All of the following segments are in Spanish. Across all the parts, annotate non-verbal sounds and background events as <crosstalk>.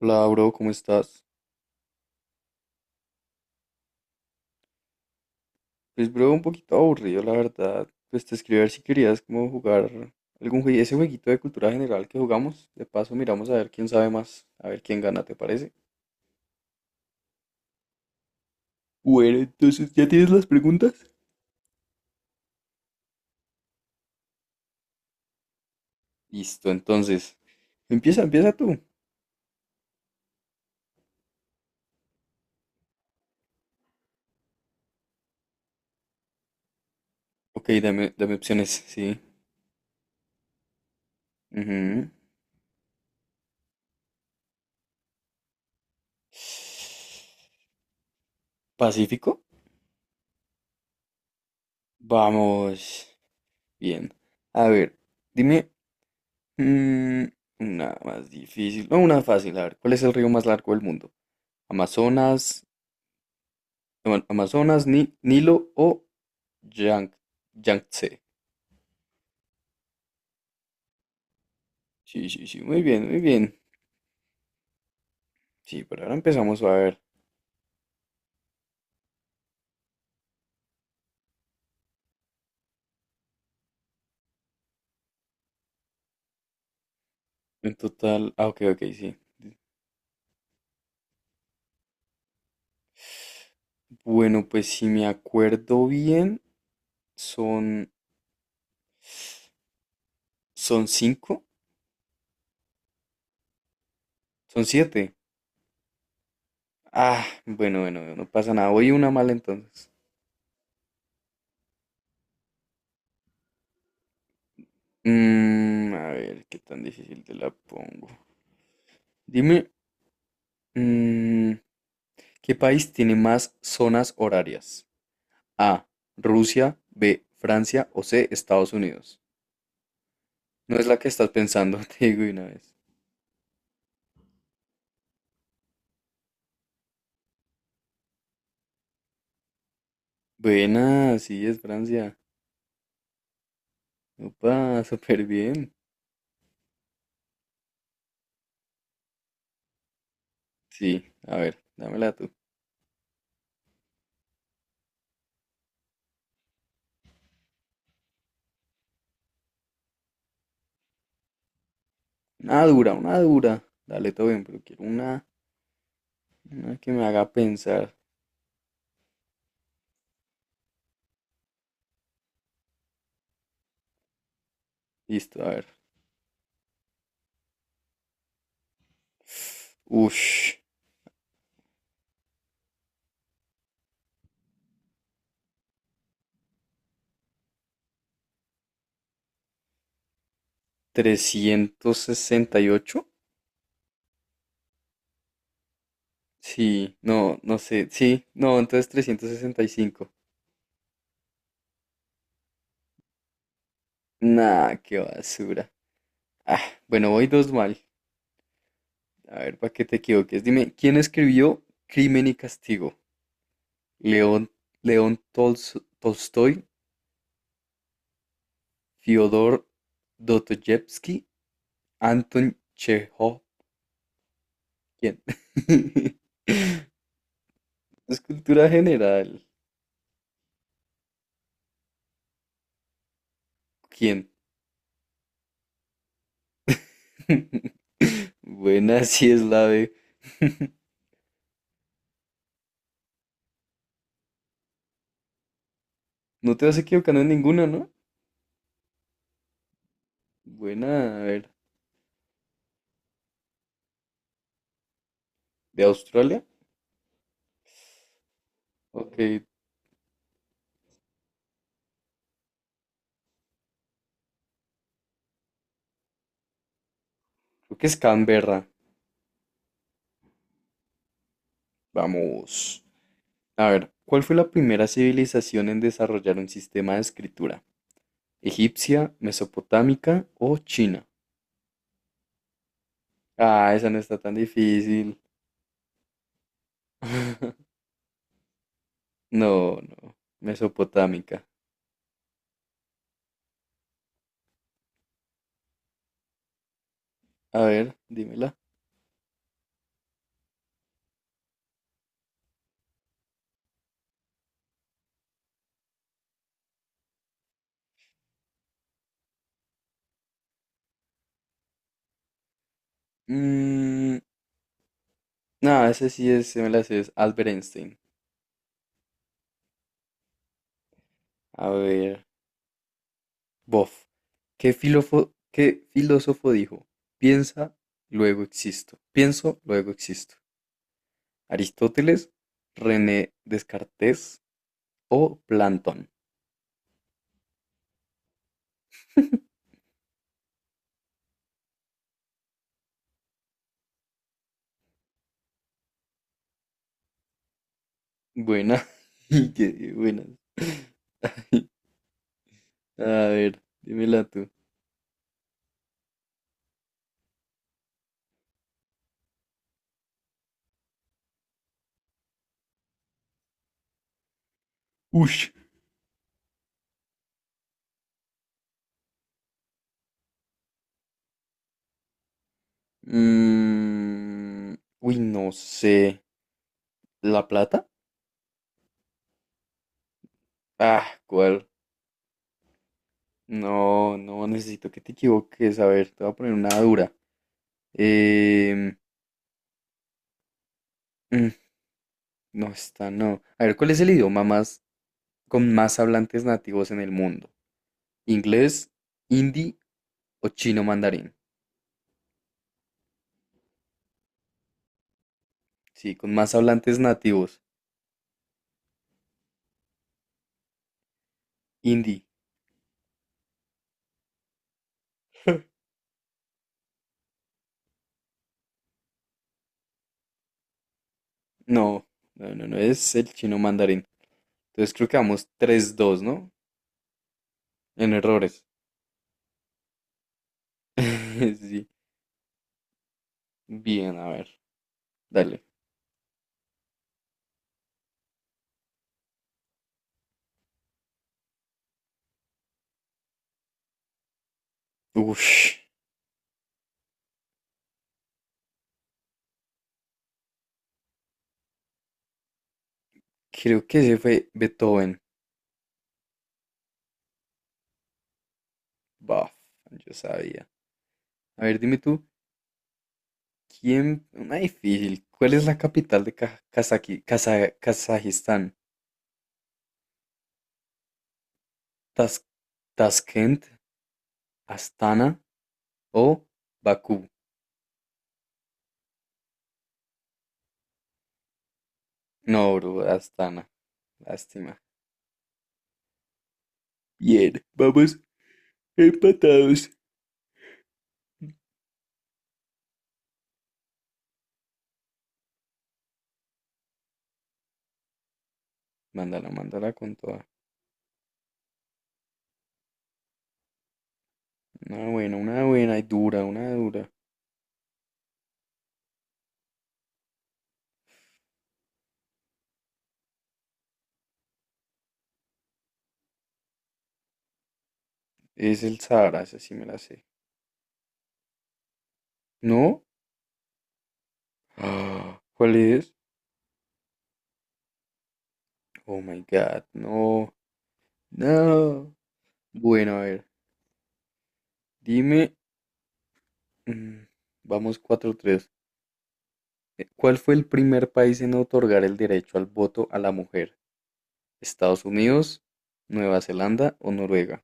Hola, bro, ¿cómo estás? Pues, bro, un poquito aburrido, la verdad. Pues te escribí a ver si querías como jugar algún juego, ese jueguito de cultura general que jugamos. De paso, miramos a ver quién sabe más, a ver quién gana, ¿te parece? Bueno, entonces, ¿ya tienes las preguntas? Listo, entonces. Empieza, empieza tú. Ok, dame, dame opciones, sí. Ujú. ¿Pacífico? Vamos. Bien. A ver, dime mm, una más difícil. No, una fácil, a ver. ¿Cuál es el río más largo del mundo? Amazonas, Amazonas, Nilo o Yang- Yangtze. Sí, sí, sí, muy bien, muy bien. Sí, por ahora empezamos a ver. En total, ah, ok, ok, sí. Bueno, pues si me acuerdo bien, son, son cinco, son siete. Ah, bueno, bueno, bueno, no pasa nada. Voy una mala entonces. Mm, a ver, qué tan difícil te la pongo. Dime, mm, ¿qué país tiene más zonas horarias? A, Rusia, B, Francia o C, Estados Unidos. No es la que estás pensando, <laughs> te digo de una vez. Buena, sí, es Francia. Opa, súper bien. Sí, a ver, dámela tú. Una dura, una dura. Dale todo bien, pero quiero una que me haga pensar. Listo, a ver. Ush, 368. Sí, no, no sé. Sí, no, entonces 365. Nah, qué basura. Ah, bueno, voy dos mal. A ver, para que te equivoques, dime, ¿quién escribió Crimen y Castigo? ¿León, León Tolstoy, Fyodor Dostoyevsky, Anton Chejov? ¿Quién? <laughs> Es cultura general. ¿Quién? <laughs> Buena, sí es la B. <laughs> No te vas equivocando en ninguna, ¿no? Buena, a ver, ¿de Australia? Ok, creo que es Canberra. Vamos. A ver, ¿cuál fue la primera civilización en desarrollar un sistema de escritura? ¿Egipcia, mesopotámica o China? Ah, esa no está tan difícil. <laughs> No, no. Mesopotámica. A ver, dímela. Mm, no, ese sí es, se me la sé, es Albert Einstein. A ver, bof. ¿Qué filósofo dijo? Piensa, luego existo. Pienso, luego existo. ¿Aristóteles, René Descartes o Plantón? Buena. <laughs> Qué buena. <laughs> A ver, dímela tú. Ush. Mm, uy, no sé. ¿La plata? Ah, ¿cuál? No, no, necesito que te equivoques. A ver, te voy a poner una dura. Em, mm, no, está, no. A ver, ¿cuál es el idioma más con más hablantes nativos en el mundo? ¿Inglés, hindi o chino mandarín? Sí, con más hablantes nativos. Hindi. <laughs> No, no, no, no es el chino mandarín. Entonces creo que vamos 3-2, ¿no? En errores. <laughs> Sí. Bien, a ver. Dale. Ush. Creo que ese fue Beethoven. Bah, yo sabía. A ver, dime tú, ¿quién? Una difícil. ¿Cuál es la capital de Kazajistán? ¿Tas- ¿Tashkent? ¿Astana? ¿O Bakú? No, bro, Astana. Lástima. Bien, vamos empatados. Mándala, mándala con toda. Una buena y dura, una dura. Es el Sahara, esa sí me la sé. ¿No? Ah, ¿cuál es? Oh my God, no. No. Bueno, a ver, dime. mm, Vamos 4-3. ¿Cuál fue el primer país en otorgar el derecho al voto a la mujer? ¿Estados Unidos, Nueva Zelanda o Noruega?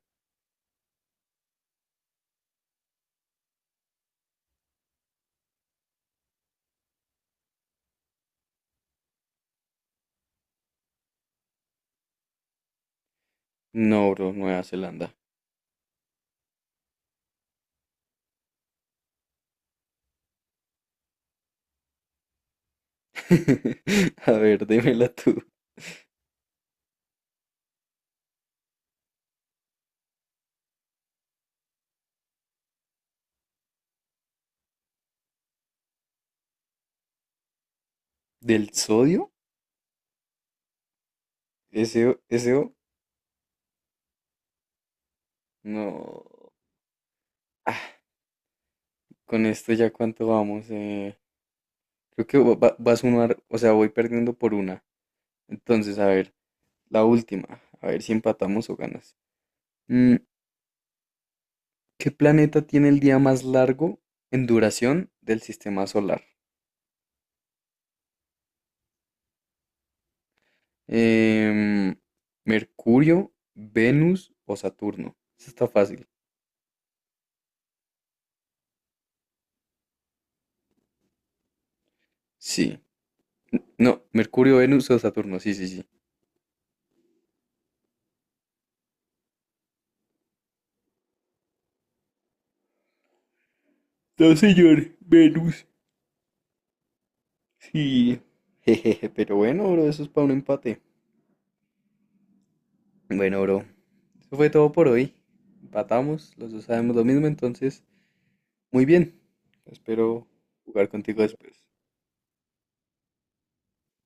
No, bro, Nueva Zelanda. <laughs> A ver, démela tú. ¿Del sodio? ¿Ese, ese? No. Ah, con esto ya cuánto vamos. ¿Eh? Creo que vas uno, o sea, voy perdiendo por una. Entonces, a ver, la última. A ver si empatamos o ganas. Mm, ¿qué planeta tiene el día más largo en duración del sistema solar? Em, ¿Mercurio, Venus o Saturno? Eso está fácil. Sí. No, Mercurio, Venus o Saturno. Sí, sí, sí. No, señor, Venus. Sí. <laughs> Jejeje, pero bueno, bro, eso es para un empate. Bueno, bro, eso fue todo por hoy. Empatamos, los dos sabemos lo mismo, entonces, muy bien. Espero jugar contigo después.